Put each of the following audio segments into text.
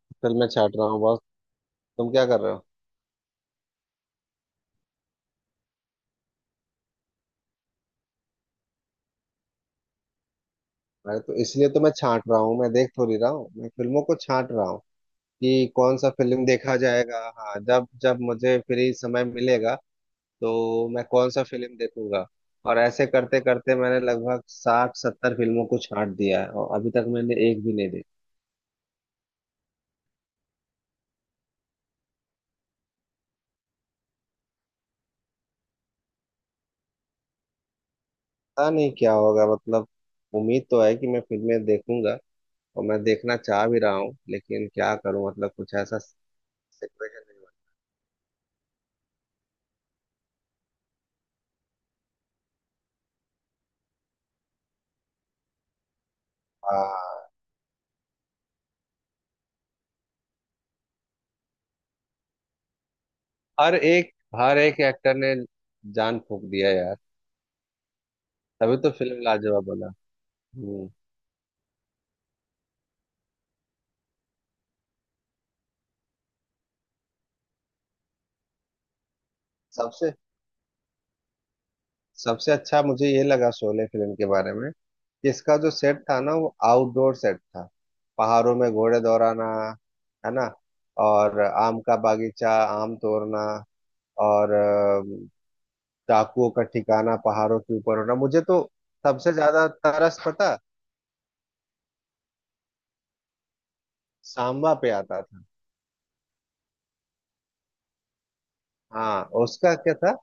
फिर मैं छाट रहा हूँ बस। तुम क्या कर रहे हो? अरे, तो इसलिए तो मैं छाट रहा हूँ। मैं देख थोड़ी रहा हूँ, मैं फिल्मों को छाट रहा हूँ कि कौन सा फिल्म देखा जाएगा। हाँ, जब जब मुझे फ्री समय मिलेगा तो मैं कौन सा फिल्म देखूंगा। और ऐसे करते करते मैंने लगभग 60-70 फिल्मों को छाट दिया है और अभी तक मैंने एक भी नहीं देखी। पता नहीं क्या होगा। मतलब उम्मीद तो है कि मैं फिल्में देखूंगा और मैं देखना चाह भी रहा हूँ, लेकिन क्या करूँ? मतलब कुछ ऐसा सिचुएशन नहीं हुआ। हर एक हर एक एक्टर ने जान फूंक दिया यार। तभी तो फिल्म लाजवाब बना। हम्म। सबसे सबसे अच्छा मुझे ये लगा शोले फिल्म के बारे में कि इसका जो सेट था ना, वो आउटडोर सेट था। पहाड़ों में घोड़े दौड़ाना, है ना। और आम का बागीचा, आम तोड़ना। और डाकुओं का ठिकाना पहाड़ों के ऊपर होना, मुझे तो सबसे ज्यादा तरस पता सांबा पे आता था। हाँ, उसका क्या था।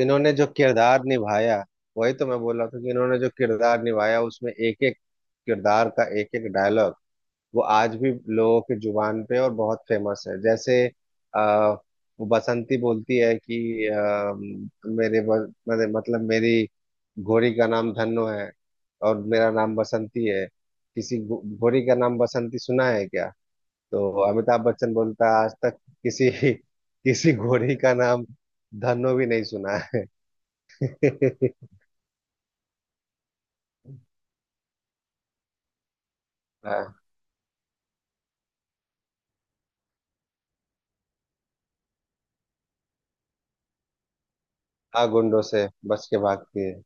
इन्होंने जो किरदार निभाया, वही तो मैं बोल रहा था कि इन्होंने जो किरदार निभाया, उसमें एक एक किरदार का एक एक डायलॉग वो आज भी लोगों की जुबान पे और बहुत फेमस है। जैसे आ, वो बसंती बोलती है कि मेरे ब- मेरे- मतलब मेरी घोड़ी का नाम धन्नो है और मेरा नाम बसंती है। किसी घोड़ी का नाम बसंती सुना है क्या? तो अमिताभ बच्चन बोलता है, आज तक किसी किसी घोड़ी का नाम धन्नो भी नहीं सुना है। हाँ हाँ, गुंडों से बच के भागती है।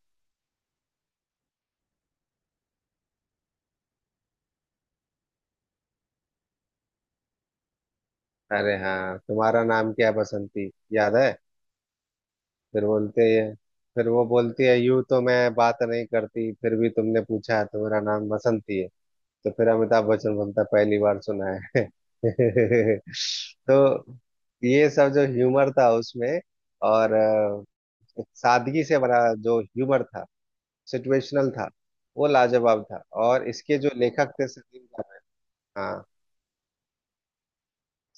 अरे हाँ, तुम्हारा नाम क्या है बसंती, याद है। फिर बोलते हैं, फिर वो बोलती है, यूं तो मैं बात नहीं करती फिर भी तुमने पूछा है तो मेरा नाम बसंती है। तो फिर अमिताभ बच्चन बोलता है, पहली बार सुना है। तो ये सब जो ह्यूमर था उसमें और सादगी से भरा जो ह्यूमर था, सिचुएशनल था, वो लाजवाब था। और इसके जो लेखक थे सलीम, हाँ,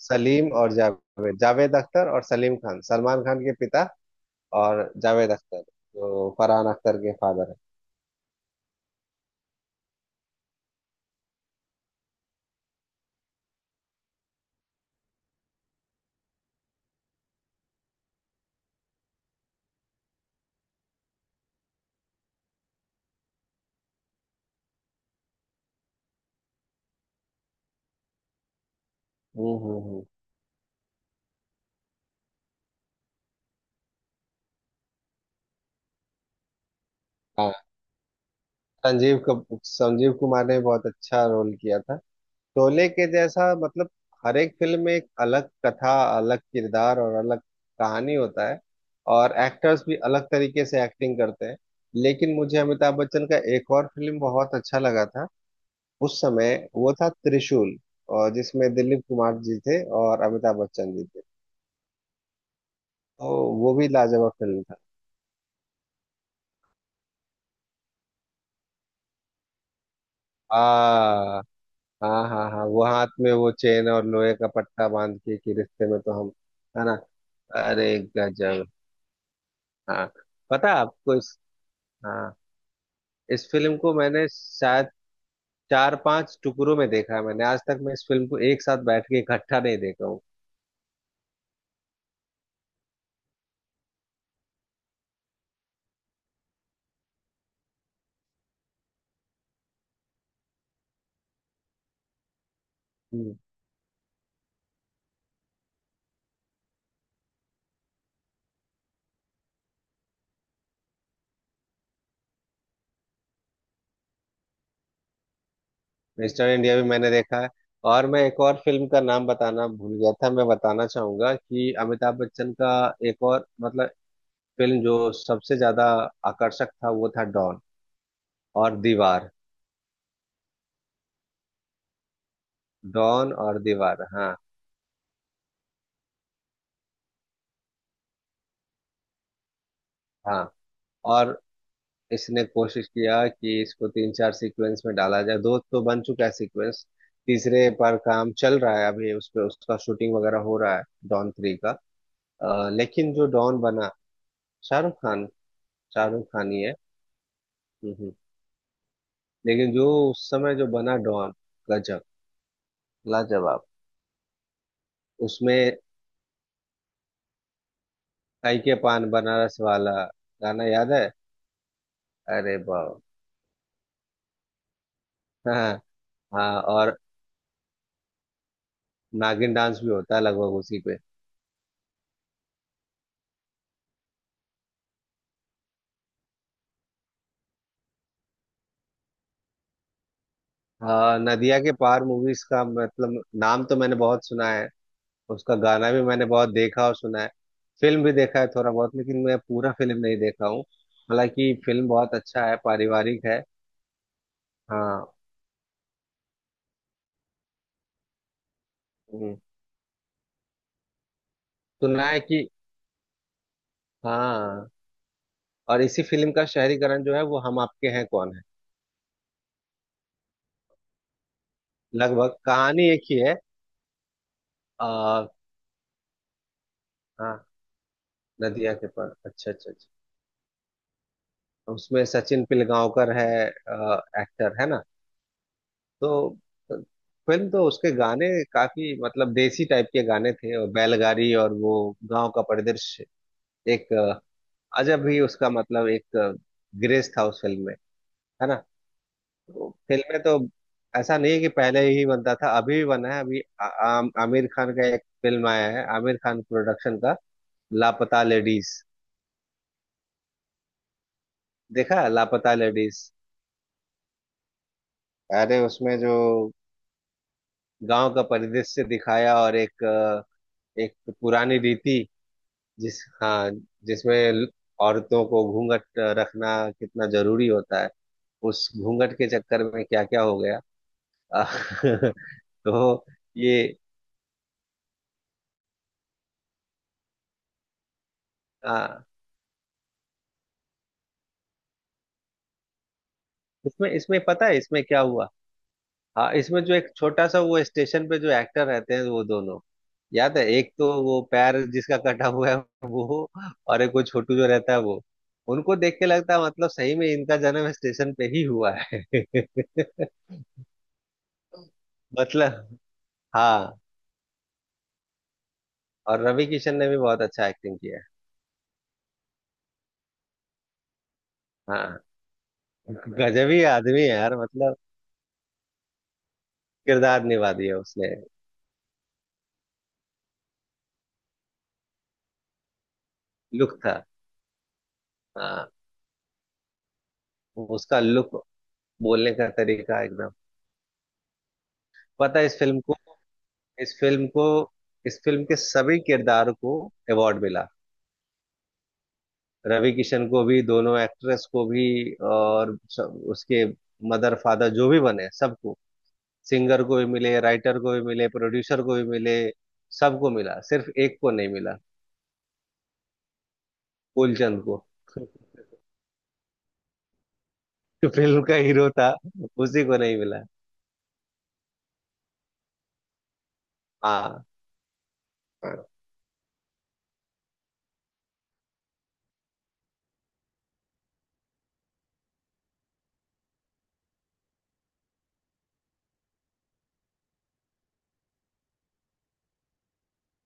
सलीम और जावेद। जावेद अख्तर और सलीम खान, सलमान खान के पिता। और जावेद अख्तर, जो फरहान अख्तर के फादर है। हम्म हम्म हम्म। हाँ, संजीव कुमार ने बहुत अच्छा रोल किया था। शोले के जैसा मतलब हर एक फिल्म में एक अलग कथा, अलग किरदार और अलग कहानी होता है। और एक्टर्स भी अलग तरीके से एक्टिंग करते हैं। लेकिन मुझे अमिताभ बच्चन का एक और फिल्म बहुत अच्छा लगा था। उस समय वो था त्रिशूल, और जिसमें दिलीप कुमार जी थे और अमिताभ बच्चन जी थे। तो वो भी लाजवाब फिल्म था। आ, हाँ हाँ हाँ, वो हाथ में वो चेन और लोहे का पट्टा बांध के कि रिश्ते में तो हम, है ना। अरे गजब। हाँ, पता है आपको इस, हाँ, इस फिल्म को मैंने शायद चार पांच टुकड़ों में देखा है। मैंने आज तक मैं इस फिल्म को एक साथ बैठ के इकट्ठा नहीं देखा हूँ। मिस्टर इंडिया भी मैंने देखा है। और मैं एक और फिल्म का नाम बताना भूल गया था, मैं बताना चाहूंगा कि अमिताभ बच्चन का एक और मतलब फिल्म जो सबसे ज्यादा आकर्षक था वो था डॉन और दीवार। डॉन और दीवार, हाँ हाँ। और इसने कोशिश किया कि इसको तीन चार सीक्वेंस में डाला जाए। दो तो बन चुका है सीक्वेंस, तीसरे पर काम चल रहा है अभी, उस पर उसका शूटिंग वगैरह हो रहा है। डॉन थ्री का। लेकिन जो डॉन बना, शाहरुख खान। शाहरुख खान ही है। हम्म, हम्म। लेकिन जो उस समय जो बना डॉन, गजब, लाजवाब। उसमें काई के पान बनारस वाला गाना याद है। अरे वाह। हाँ हाँ, और नागिन डांस भी होता है लगभग उसी पे। हाँ, नदिया के पार मूवीज का मतलब नाम तो मैंने बहुत सुना है। उसका गाना भी मैंने बहुत देखा और सुना है। फिल्म भी देखा है थोड़ा बहुत, लेकिन मैं पूरा फिल्म नहीं देखा हूँ। हालांकि फिल्म बहुत अच्छा है, पारिवारिक है। हाँ। हम्म। सुना है कि, हाँ, और इसी फिल्म का शहरीकरण जो है वो हम आपके हैं कौन है। लगभग कहानी एक ही है। आ, हाँ, नदिया के पार। अच्छा अच्छा अच्छा। उसमें सचिन पिलगांवकर है, एक्टर है ना। तो तो फिल्म तो, उसके गाने काफी मतलब देसी टाइप के गाने थे और बैलगाड़ी और वो गांव का परिदृश्य, एक अ, अजब ही उसका मतलब एक ग्रेस था उस फिल्म में, है ना। तो फिल्में तो ऐसा नहीं है कि पहले ही बनता था अभी भी बना है। अभी आमिर खान का एक फिल्म आया है आमिर खान प्रोडक्शन का, लापता लेडीज। देखा है लापता लेडीज। अरे, उसमें जो गांव का परिदृश्य दिखाया, और एक पुरानी रीति, जिस, हाँ, जिसमें औरतों को घूंघट रखना कितना जरूरी होता है, उस घूंघट के चक्कर में क्या क्या हो गया। तो ये। आ, इसमें इसमें पता है इसमें क्या हुआ। हाँ, इसमें जो एक छोटा सा वो स्टेशन पे जो एक्टर रहते हैं वो दोनों, याद है, एक तो वो पैर जिसका कटा हुआ है वो, और एक वो छोटू जो रहता है वो, उनको देख के लगता है मतलब सही में इनका जन्म स्टेशन पे ही हुआ है। मतलब, हाँ, और रवि किशन ने भी बहुत अच्छा एक्टिंग किया है। हाँ गजब ही आदमी है यार, मतलब किरदार निभा दिया उसने। लुक था। हाँ, उसका लुक, बोलने का तरीका एकदम। पता है इस फिल्म को, इस फिल्म को, इस फिल्म के सभी किरदार को अवार्ड मिला। रवि किशन को भी, दोनों एक्ट्रेस को भी, और उसके मदर फादर जो भी बने सबको, सिंगर को भी मिले, राइटर को भी मिले, प्रोड्यूसर को भी मिले, सबको मिला, सिर्फ एक को नहीं मिला। कुलचंद को। जो फिल्म का हीरो था, उसी को नहीं मिला। हाँ हाँ।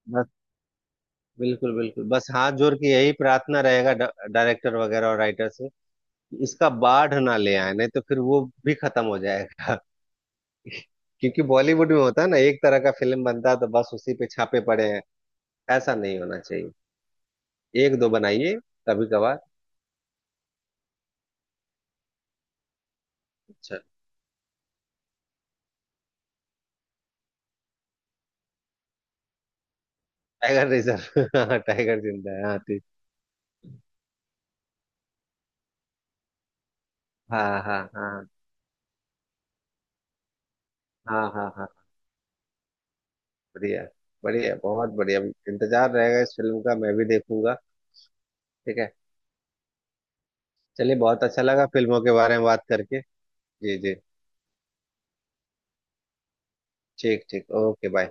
बस, बिल्कुल बिल्कुल, बस हाथ जोड़ के यही प्रार्थना रहेगा डायरेक्टर वगैरह और राइटर से कि इसका बाढ़ ना ले आए, नहीं तो फिर वो भी खत्म हो जाएगा। क्योंकि बॉलीवुड में होता है ना, एक तरह का फिल्म बनता है तो बस उसी पे छापे पड़े हैं। ऐसा नहीं होना चाहिए। एक दो बनाइए कभी कभार। अच्छा। Tiger reserve. हाँ, टाइगर जिंदा है, हाँ ठीक। हाँ हाँ हाँ, हाँ हाँ हाँ, बढ़िया, बढ़िया बहुत बढ़िया। इंतजार रहेगा इस फिल्म का, मैं भी देखूंगा। ठीक है। चलिए, बहुत अच्छा लगा फिल्मों के बारे में बात करके। जी जी, ठीक ठीक, ओके, बाय।